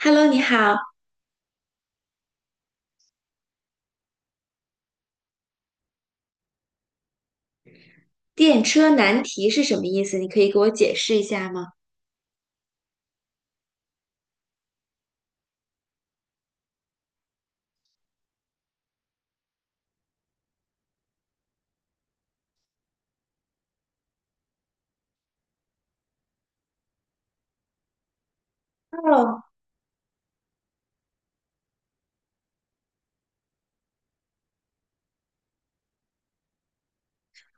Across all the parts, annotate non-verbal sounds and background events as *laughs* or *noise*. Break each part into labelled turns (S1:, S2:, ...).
S1: Hello，你好。电车难题是什么意思？你可以给我解释一下吗？哦，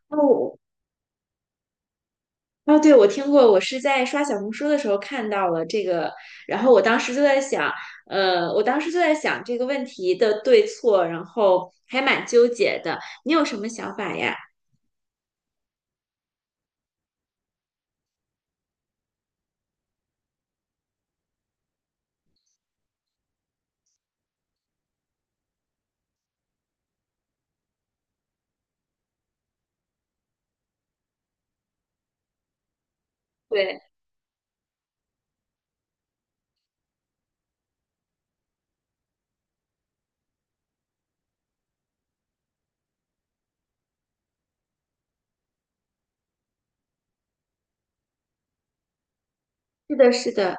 S1: 哦，哦，对，我听过，我是在刷小红书的时候看到了这个，然后我当时就在想这个问题的对错，然后还蛮纠结的。你有什么想法呀？对，是的，是的。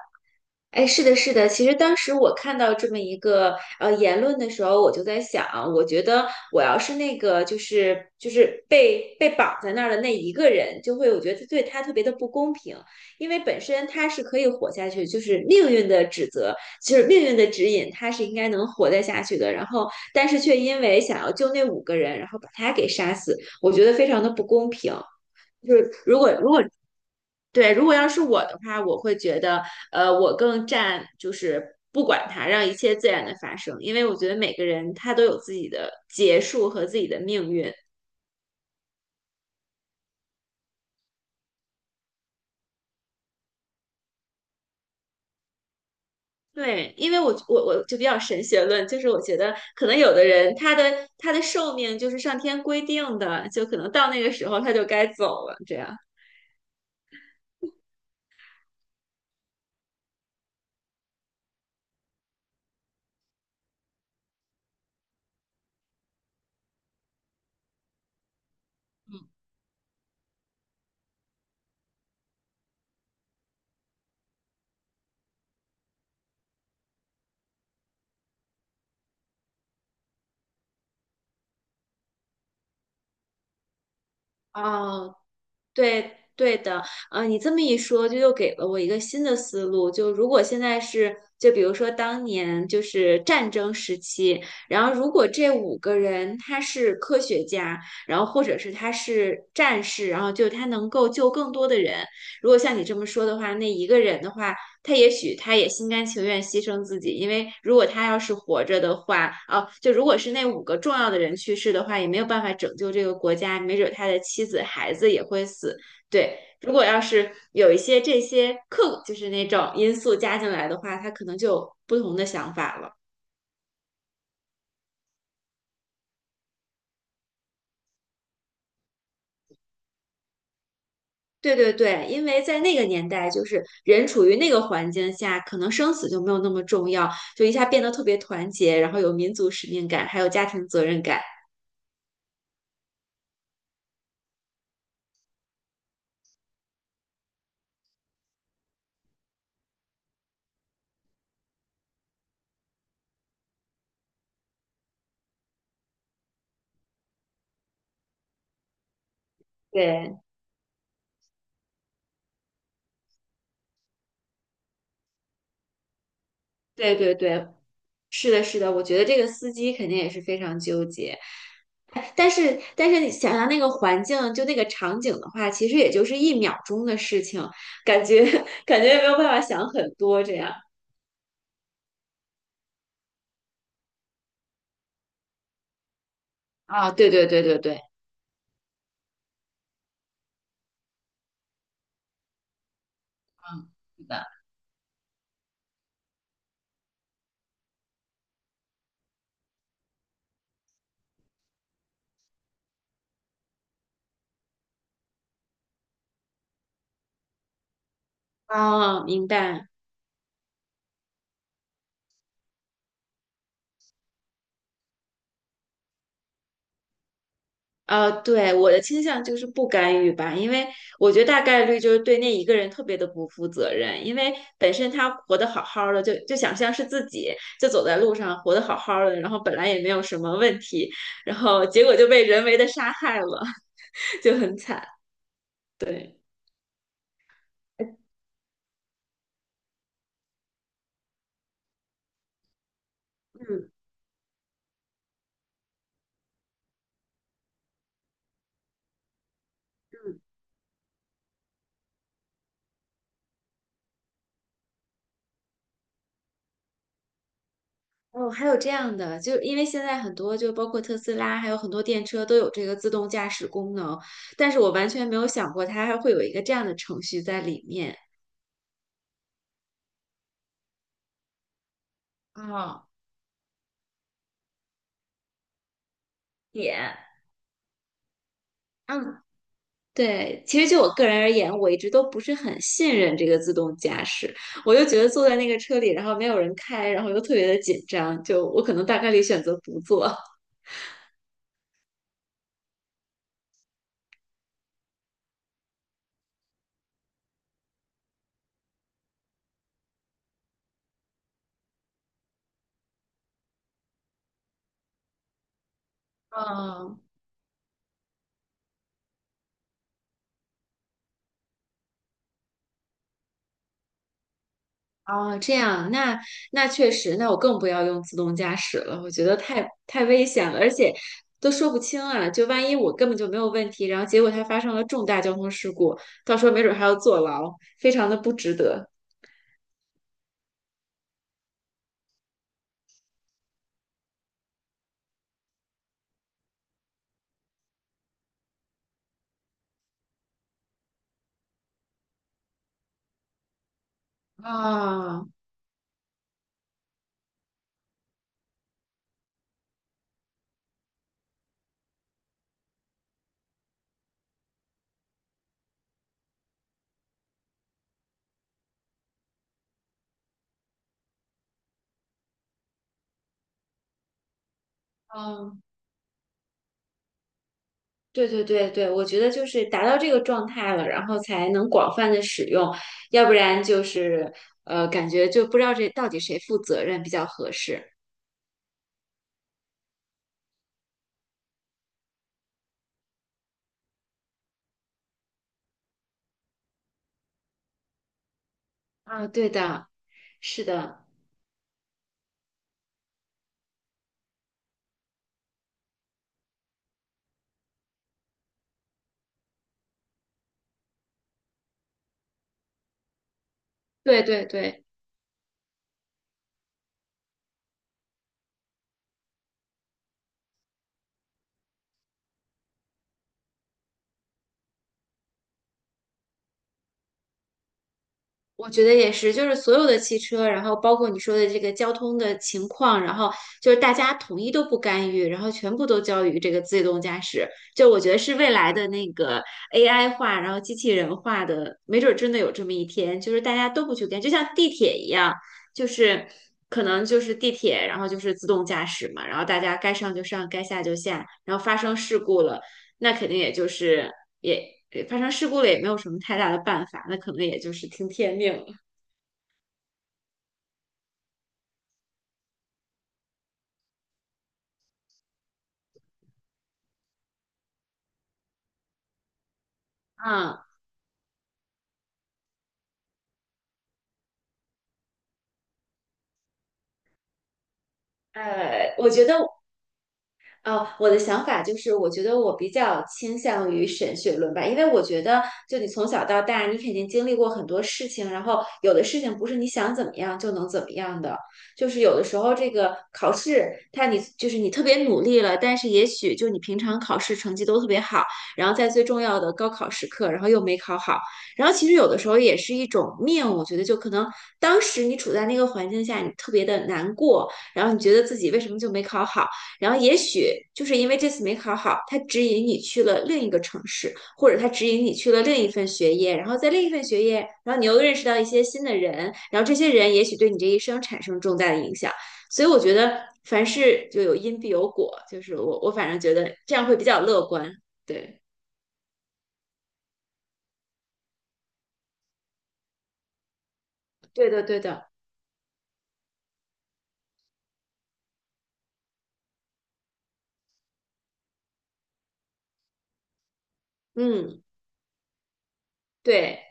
S1: 哎，是的，是的。其实当时我看到这么一个言论的时候，我就在想，我觉得我要是那个就是被绑在那儿的那一个人，就会我觉得对他特别的不公平，因为本身他是可以活下去，就是命运的指责，就是命运的指引，他是应该能活得下去的。然后，但是却因为想要救那五个人，然后把他给杀死，我觉得非常的不公平。就是。对，如果要是我的话，我会觉得，我更占就是不管它，让一切自然的发生，因为我觉得每个人他都有自己的结束和自己的命运。对，因为我就比较神学论，就是我觉得可能有的人他的寿命就是上天规定的，就可能到那个时候他就该走了，这样。哦。对对的，你这么一说，就又给了我一个新的思路。就如果现在是，就比如说当年就是战争时期，然后如果这五个人他是科学家，然后或者是他是战士，然后就他能够救更多的人，如果像你这么说的话，那一个人的话，他也许他也心甘情愿牺牲自己，因为如果他要是活着的话，哦，就如果是那五个重要的人去世的话，也没有办法拯救这个国家，没准他的妻子、孩子也会死。对，如果要是有一些这些客，就是那种因素加进来的话，他可能就有不同的想法了。对对对，因为在那个年代，就是人处于那个环境下，可能生死就没有那么重要，就一下变得特别团结，然后有民族使命感，还有家庭责任感。对对对对，是的，是的，我觉得这个司机肯定也是非常纠结。哎但是你想想那个环境，就那个场景的话，其实也就是一秒钟的事情，感觉 *laughs* 感觉也没有办法想很多这样。啊，对对对对对，嗯，是的。啊，明白。对，我的倾向就是不干预吧，因为我觉得大概率就是对那一个人特别的不负责任，因为本身他活得好好的，就想象是自己就走在路上活得好好的，然后本来也没有什么问题，然后结果就被人为的杀害了，*laughs* 就很惨。对，嗯。哦，还有这样的，就因为现在很多，就包括特斯拉，还有很多电车都有这个自动驾驶功能，但是我完全没有想过它还会有一个这样的程序在里面。啊。点。嗯，对，其实就我个人而言，我一直都不是很信任这个自动驾驶，我就觉得坐在那个车里，然后没有人开，然后又特别的紧张，就我可能大概率选择不坐。嗯，哦，这样，那确实，那我更不要用自动驾驶了，我觉得太危险了，而且都说不清啊，就万一我根本就没有问题，然后结果它发生了重大交通事故，到时候没准还要坐牢，非常的不值得。啊，哦，对对对对，我觉得就是达到这个状态了，然后才能广泛的使用，要不然就是感觉就不知道这到底谁负责任比较合适啊。对的，是的，对对对。我觉得也是，就是所有的汽车，然后包括你说的这个交通的情况，然后就是大家统一都不干预，然后全部都交于这个自动驾驶，就我觉得是未来的那个 AI 化，然后机器人化的，没准儿真的有这么一天，就是大家都不去干，就像地铁一样，就是可能就是地铁，然后就是自动驾驶嘛，然后大家该上就上，该下就下，然后发生事故了，那肯定也就是。也发生事故了，也没有什么太大的办法，那可能也就是听天命了。嗯，我觉得哦，我的想法就是，我觉得我比较倾向于神学论吧，因为我觉得，就你从小到大，你肯定经历过很多事情，然后有的事情不是你想怎么样就能怎么样的，就是有的时候这个考试，它你就是你特别努力了，但是也许就你平常考试成绩都特别好，然后在最重要的高考时刻，然后又没考好，然后其实有的时候也是一种命，我觉得就可能当时你处在那个环境下，你特别的难过，然后你觉得自己为什么就没考好。然后也许就是因为这次没考好，他指引你去了另一个城市，或者他指引你去了另一份学业，然后在另一份学业，然后你又认识到一些新的人，然后这些人也许对你这一生产生重大的影响。所以我觉得凡事就有因必有果，就是我反正觉得这样会比较乐观。对，对的，对的，嗯，对。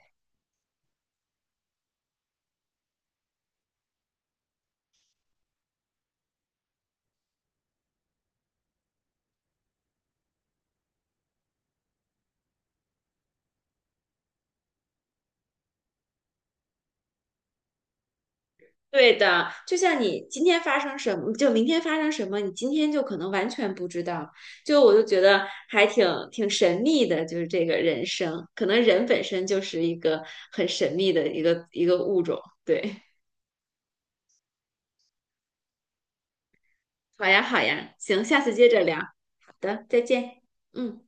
S1: 对的，就像你今天发生什么，就明天发生什么，你今天就可能完全不知道。就我就觉得还挺神秘的，就是这个人生，可能人本身就是一个很神秘的一个物种。对，好呀，好呀，行，下次接着聊。好的，再见。嗯。